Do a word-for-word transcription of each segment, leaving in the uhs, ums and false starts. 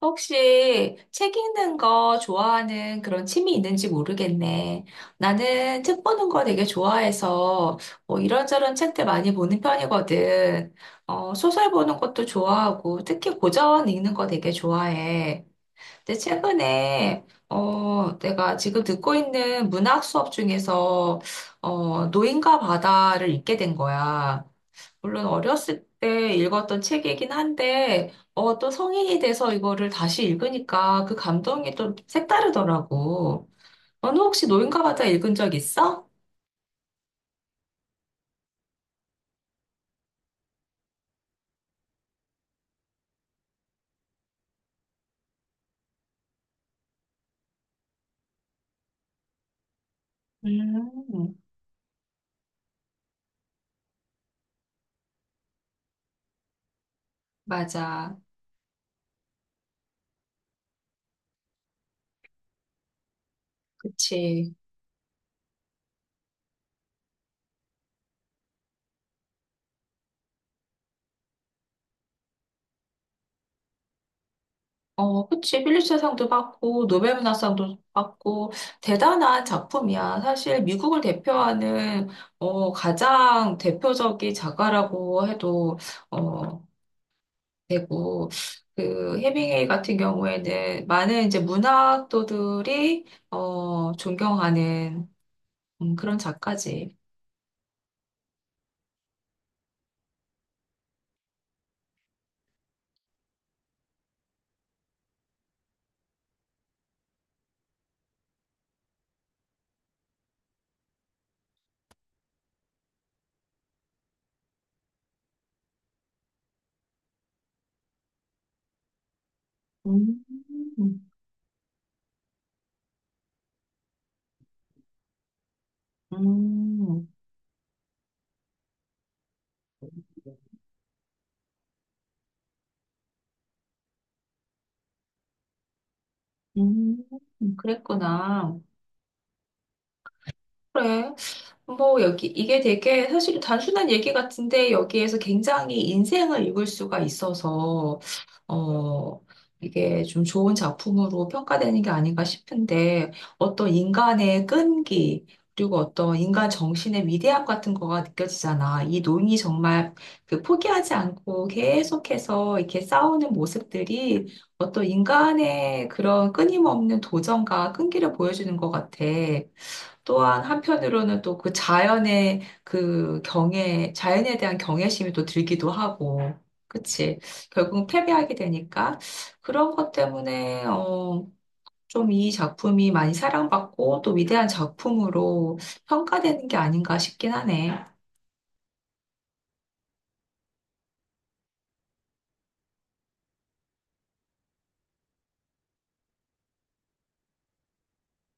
혹시 책 읽는 거 좋아하는 그런 취미 있는지 모르겠네. 나는 책 보는 거 되게 좋아해서 뭐 이런저런 책들 많이 보는 편이거든. 어, 소설 보는 것도 좋아하고 특히 고전 읽는 거 되게 좋아해. 근데 최근에 어, 내가 지금 듣고 있는 문학 수업 중에서 어, 노인과 바다를 읽게 된 거야. 물론 어렸을 때 읽었던 책이긴 한데, 어, 또 성인이 돼서 이거를 다시 읽으니까 그 감동이 또 색다르더라고. 너는 혹시 노인과 바다 읽은 적 있어? 음, 맞아. 그치. 어, 그치. 필리처상도 받고, 노벨문학상도 받고, 대단한 작품이야. 사실 미국을 대표하는, 어, 가장 대표적인 작가라고 해도, 어, 되고 그 헤밍웨이 같은 경우에는 많은 이제 문학도들이 어 존경하는 음, 그런 작가지. 음, 음, 음, 그랬구나. 그래. 뭐, 여기, 이게 되게 사실 단순한 얘기 같은데, 여기에서 굉장히 인생을 읽을 수가 있어서, 어, 이게 좀 좋은 작품으로 평가되는 게 아닌가 싶은데, 어떤 인간의 끈기, 그리고 어떤 인간 정신의 위대함 같은 거가 느껴지잖아. 이 논이 정말 그 포기하지 않고 계속해서 이렇게 싸우는 모습들이 어떤 인간의 그런 끊임없는 도전과 끈기를 보여주는 것 같아. 또한 한편으로는 또 그 자연의 그 경애, 자연에 대한 경외심이 또 들기도 하고, 그치? 결국은 패배하게 되니까 그런 것 때문에, 어, 좀 이 작품이 많이 사랑받고 또 위대한 작품으로 평가되는 게 아닌가 싶긴 하네.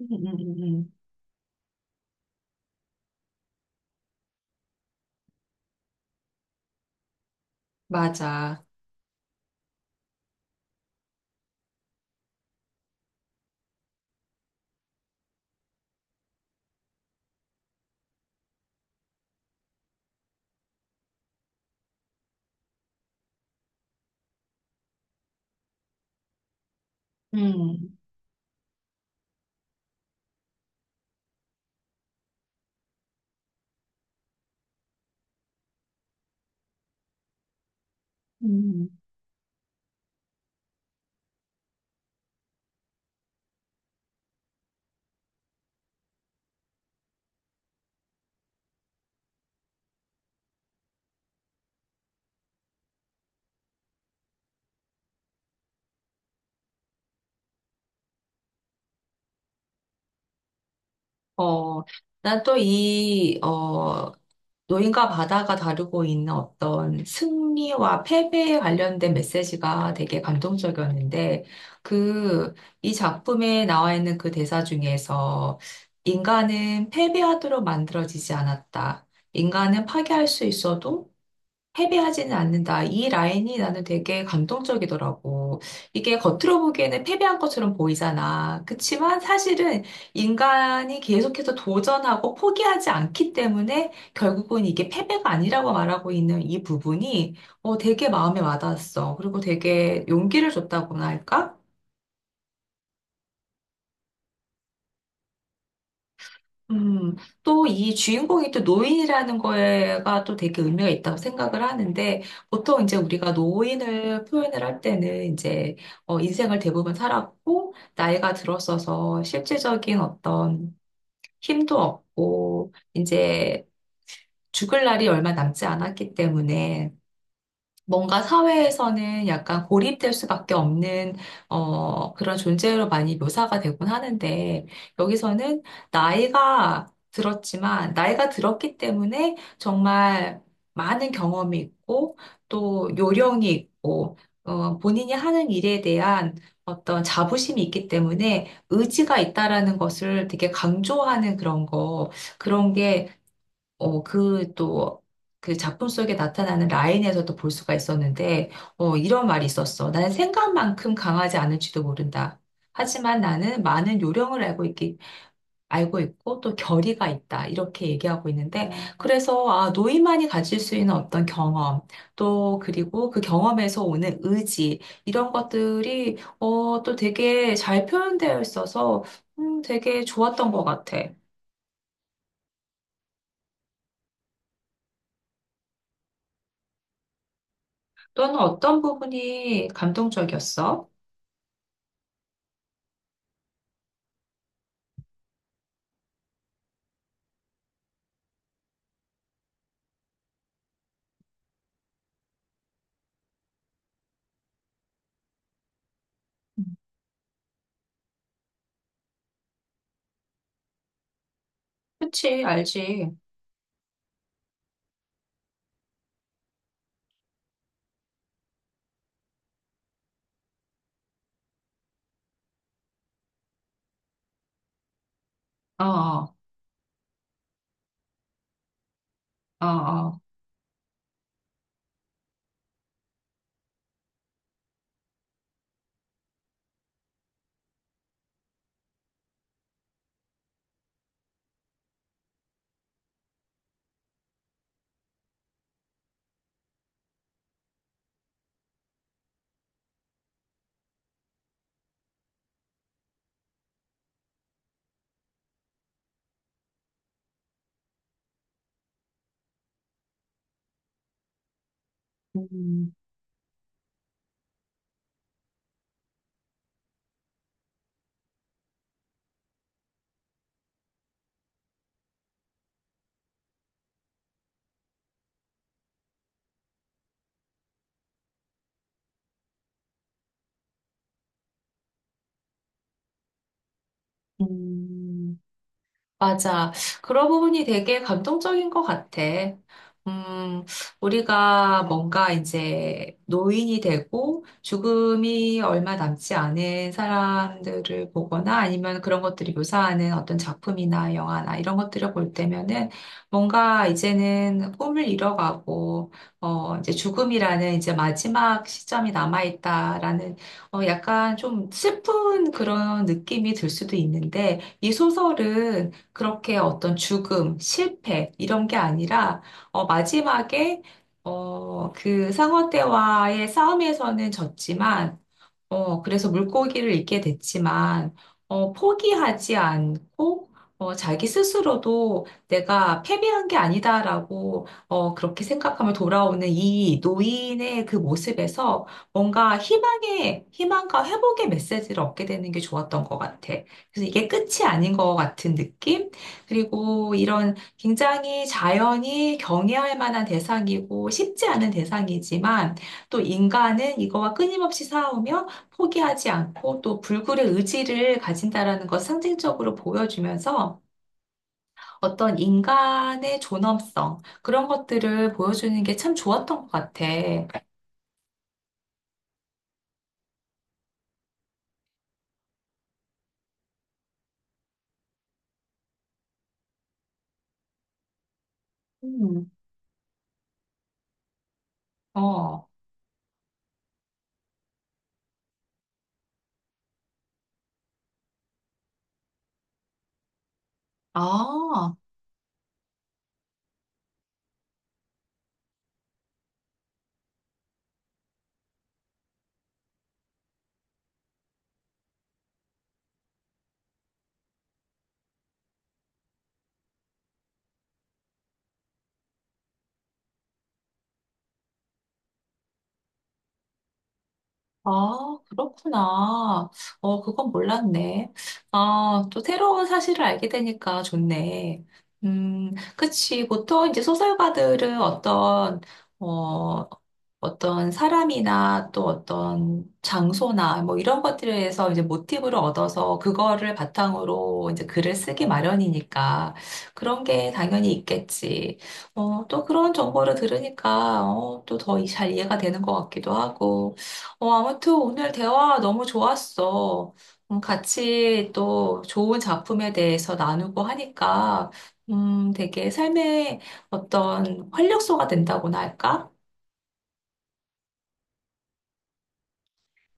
음, 음, 음, 음. 맞아. 음. 음. 어, 난 또 이, 어, 노인과 바다가 다루고 있는 어떤 승리와 패배에 관련된 메시지가 되게 감동적이었는데, 그, 이 작품에 나와 있는 그 대사 중에서, 인간은 패배하도록 만들어지지 않았다. 인간은 파괴할 수 있어도 패배하지는 않는다. 이 라인이 나는 되게 감동적이더라고. 이게 겉으로 보기에는 패배한 것처럼 보이잖아. 그치만 사실은 인간이 계속해서 도전하고 포기하지 않기 때문에 결국은 이게 패배가 아니라고 말하고 있는 이 부분이 어, 되게 마음에 와닿았어. 그리고 되게 용기를 줬다고나 할까? 음, 또 이 주인공이 또 노인이라는 거에가 또 되게 의미가 있다고 생각을 하는데, 보통 이제 우리가 노인을 표현을 할 때는 이제, 어, 인생을 대부분 살았고, 나이가 들었어서 실질적인 어떤 힘도 없고, 이제 죽을 날이 얼마 남지 않았기 때문에, 뭔가 사회에서는 약간 고립될 수밖에 없는 어, 그런 존재로 많이 묘사가 되곤 하는데 여기서는 나이가 들었지만 나이가 들었기 때문에 정말 많은 경험이 있고 또 요령이 있고 어, 본인이 하는 일에 대한 어떤 자부심이 있기 때문에 의지가 있다라는 것을 되게 강조하는 그런 거 그런 게 어, 그 또, 그 작품 속에 나타나는 라인에서도 볼 수가 있었는데, 어, 이런 말이 있었어. 나는 생각만큼 강하지 않을지도 모른다. 하지만 나는 많은 요령을 알고 있기, 알고 있고 또 결의가 있다. 이렇게 얘기하고 있는데, 그래서, 아, 노인만이 가질 수 있는 어떤 경험, 또, 그리고 그 경험에서 오는 의지, 이런 것들이, 어, 또 되게 잘 표현되어 있어서, 음, 되게 좋았던 것 같아. 너는 어떤 부분이 감동적이었어? 그치, 알지. 어, 어, 어. 어. 음, 음. 맞아. 그런 부분이 되게 감동적인 것 같아. 음, 우리가 뭔가 이제 노인이 되고 죽음이 얼마 남지 않은 사람들을 보거나 아니면 그런 것들이 묘사하는 어떤 작품이나 영화나 이런 것들을 볼 때면은 뭔가 이제는 꿈을 잃어가고, 어, 이제 죽음이라는 이제 마지막 시점이 남아있다라는 어, 약간 좀 슬픈 그런 느낌이 들 수도 있는데 이 소설은 그렇게 어떤 죽음, 실패, 이런 게 아니라, 어, 마지막에, 어, 그 상어 떼와의 싸움에서는 졌지만, 어, 그래서 물고기를 잊게 됐지만, 어, 포기하지 않고, 어, 자기 스스로도 내가 패배한 게 아니다라고, 어, 그렇게 생각하며 돌아오는 이 노인의 그 모습에서 뭔가 희망의, 희망과 회복의 메시지를 얻게 되는 게 좋았던 것 같아. 그래서 이게 끝이 아닌 것 같은 느낌? 그리고 이런 굉장히 자연이 경외할 만한 대상이고 쉽지 않은 대상이지만 또 인간은 이거와 끊임없이 싸우며 포기하지 않고 또 불굴의 의지를 가진다라는 것 상징적으로 보여주면서 어떤 인간의 존엄성 그런 것들을 보여주는 게 참 좋았던 것 같아. 음. 어. 아, 아, 그렇구나. 어, 그건 몰랐네. 아, 또 새로운 사실을 알게 되니까 좋네. 음, 그치. 보통 이제 소설가들은 어떤, 어, 어떤 사람이나 또 어떤 장소나 뭐 이런 것들에서 이제 모티브를 얻어서 그거를 바탕으로 이제 글을 쓰기 마련이니까 그런 게 당연히 있겠지. 어, 또 그런 정보를 들으니까 어, 또 더 잘 이해가 되는 것 같기도 하고. 어, 아무튼 오늘 대화 너무 좋았어. 음, 같이 또 좋은 작품에 대해서 나누고 하니까 음, 되게 삶의 어떤 활력소가 된다고나 할까?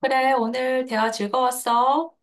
그래, 오늘 대화 즐거웠어.